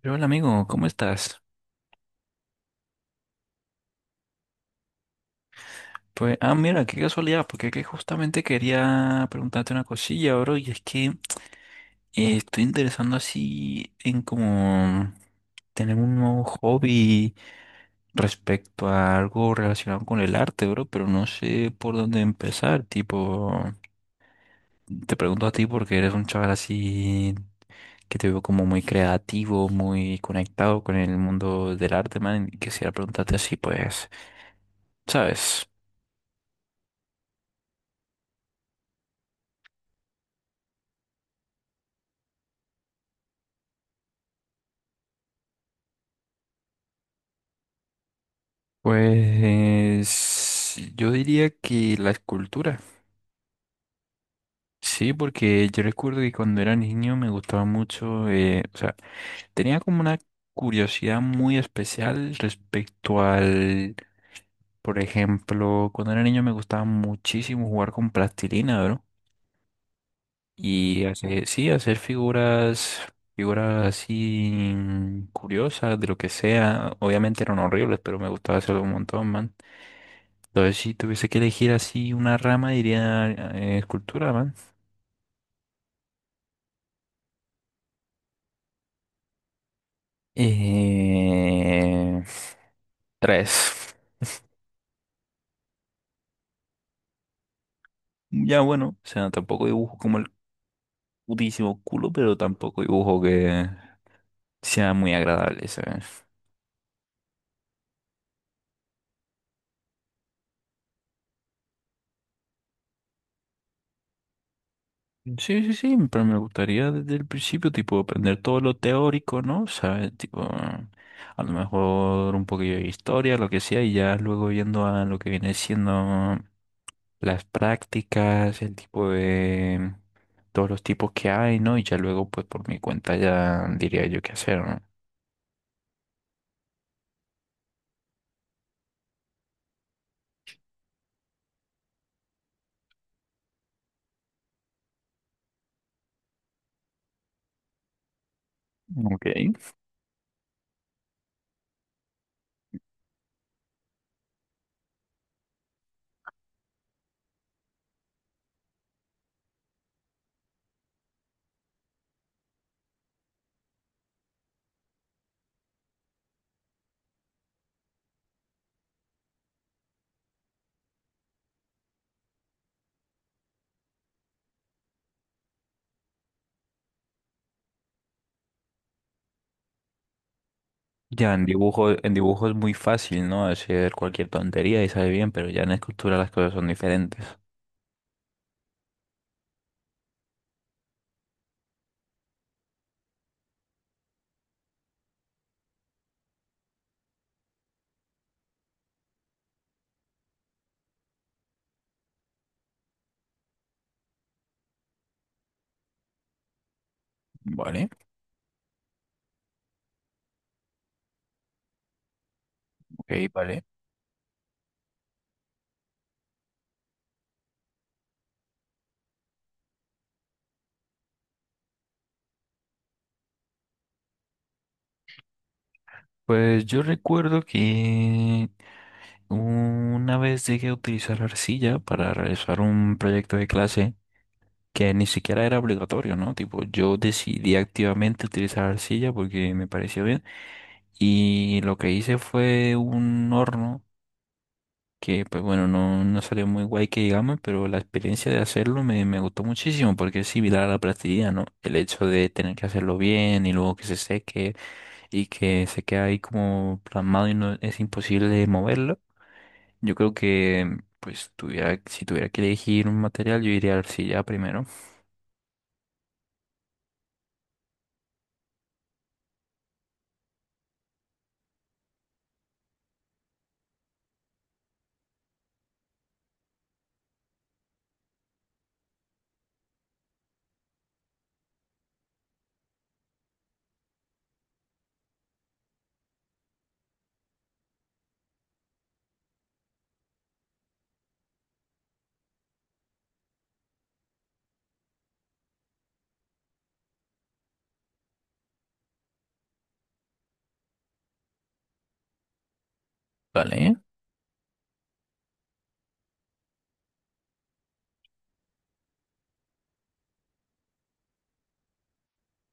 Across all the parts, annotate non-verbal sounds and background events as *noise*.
Pero hola amigo, ¿cómo estás? Pues, mira, qué casualidad, porque que justamente quería preguntarte una cosilla, bro, y es que estoy interesando así en como tener un nuevo hobby respecto a algo relacionado con el arte, bro, pero no sé por dónde empezar, tipo, te pregunto a ti porque eres un chaval así que te veo como muy creativo, muy conectado con el mundo del arte, man, y quisiera preguntarte así, pues, ¿sabes? Pues yo diría que la escultura, sí, porque yo recuerdo que cuando era niño me gustaba mucho, o sea, tenía como una curiosidad muy especial respecto al, por ejemplo, cuando era niño me gustaba muchísimo jugar con plastilina, ¿no? Y hacer, sí, hacer figuras, figuras así, curiosas, de lo que sea, obviamente eran horribles, pero me gustaba hacerlo un montón, man. Entonces, si tuviese que elegir así una rama, diría escultura, man. Eh, tres. Ya bueno, o sea, tampoco dibujo como el putísimo culo, pero tampoco dibujo que sea muy agradable, ¿sabes? Sí, sí, sí, pero me gustaría desde el principio, tipo, aprender todo lo teórico, ¿no? ¿Sabes? Tipo, a lo mejor un poquillo de historia, lo que sea, y ya luego yendo a lo que viene siendo las prácticas, el tipo de todos los tipos que hay, ¿no? Y ya luego, pues, por mi cuenta ya diría yo qué hacer, ¿no? Okay. Ya en dibujo es muy fácil, ¿no? Hacer cualquier tontería y sale bien, pero ya en escultura las cosas son diferentes. Vale, ok, vale. Pues yo recuerdo que una vez llegué a utilizar arcilla para realizar un proyecto de clase que ni siquiera era obligatorio, ¿no? Tipo, yo decidí activamente utilizar arcilla porque me pareció bien y lo que hice fue un horno que, pues bueno, no salió muy guay que digamos, pero la experiencia de hacerlo me gustó muchísimo porque es similar a la plastilina, ¿no? El hecho de tener que hacerlo bien y luego que se seque y que se queda ahí como plasmado y no es imposible moverlo. Yo creo que, pues, si tuviera que elegir un material, yo iría a arcilla primero. Vale.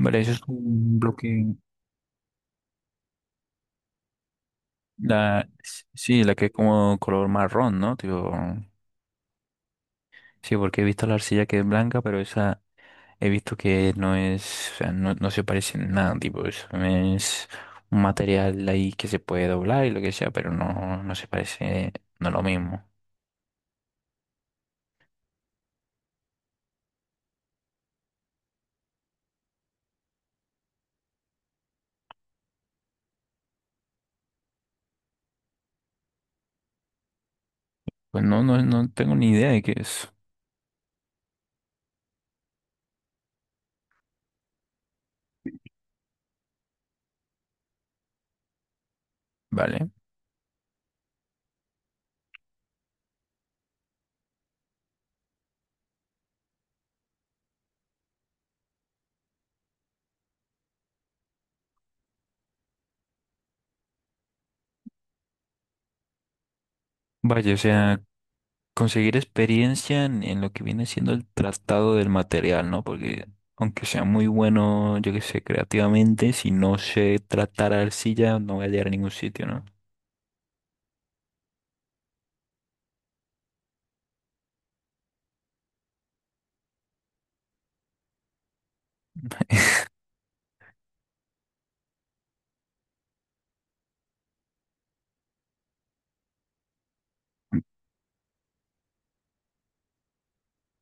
Vale, eso es un bloque. Sí, la que es como color marrón, ¿no? Tipo, sí, porque he visto la arcilla que es blanca, pero esa he visto que no es, o sea, no se parece en nada, tipo, eso es un material ahí que se puede doblar y lo que sea, pero no se parece, no es lo mismo. Pues no tengo ni idea de qué es. Vale. Vaya, o sea, conseguir experiencia en lo que viene siendo el tratado del material, ¿no? Porque aunque sea muy bueno, yo qué sé, creativamente, si no sé tratar arcilla, no voy a llegar a ningún sitio, ¿no?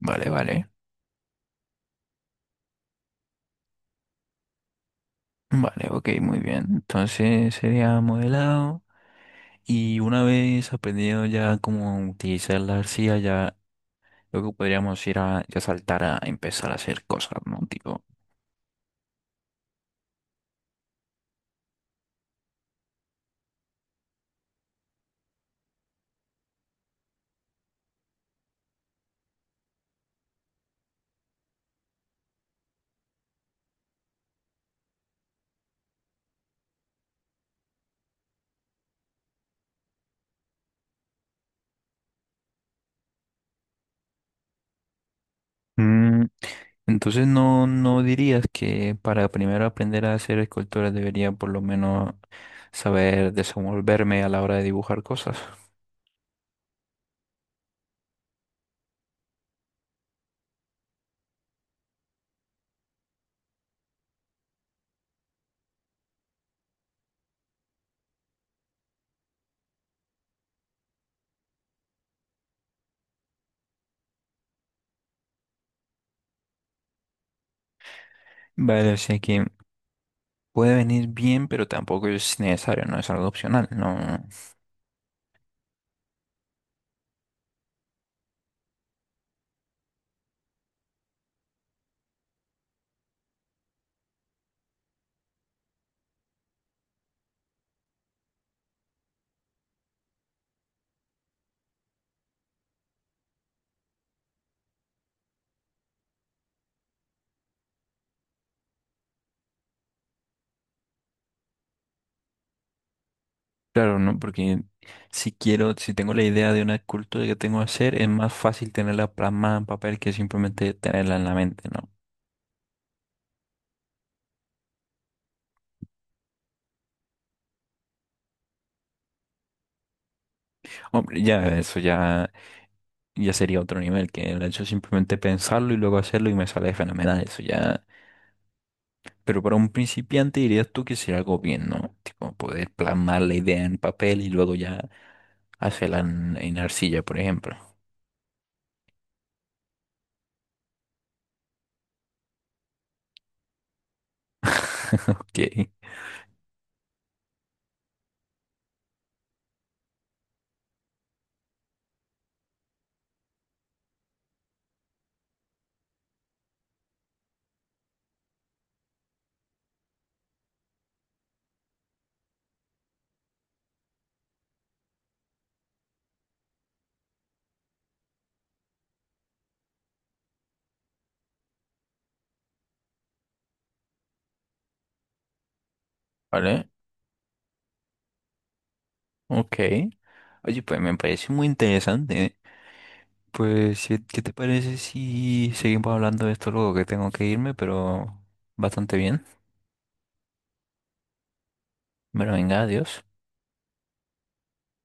Vale, vale. Vale, ok, muy bien. Entonces sería modelado. Y una vez aprendido ya cómo utilizar la arcilla, ya luego podríamos ir a ya saltar a empezar a hacer cosas, ¿no? Tipo. mm, Entonces no, no dirías que para primero aprender a hacer esculturas debería por lo menos saber desenvolverme a la hora de dibujar cosas. Vale, o sea que puede venir bien, pero tampoco es necesario, no es algo opcional, no. Claro, no, porque si quiero, si tengo la idea de una escultura que tengo que hacer, es más fácil tenerla plasmada en papel que simplemente tenerla en la mente, ¿no? Hombre, ya eso, ya sería otro nivel, que el hecho de simplemente pensarlo y luego hacerlo y me sale fenomenal, eso ya. Pero para un principiante dirías tú que sería algo bien, ¿no? Tipo, poder plasmar la idea en papel y luego ya hacerla en arcilla, por ejemplo. *laughs* Ok, ¿vale? Ok. Oye, pues me parece muy interesante. ¿Eh? Pues, si- ¿qué te parece si seguimos hablando de esto luego que tengo que irme, pero bastante bien? Bueno, venga, adiós.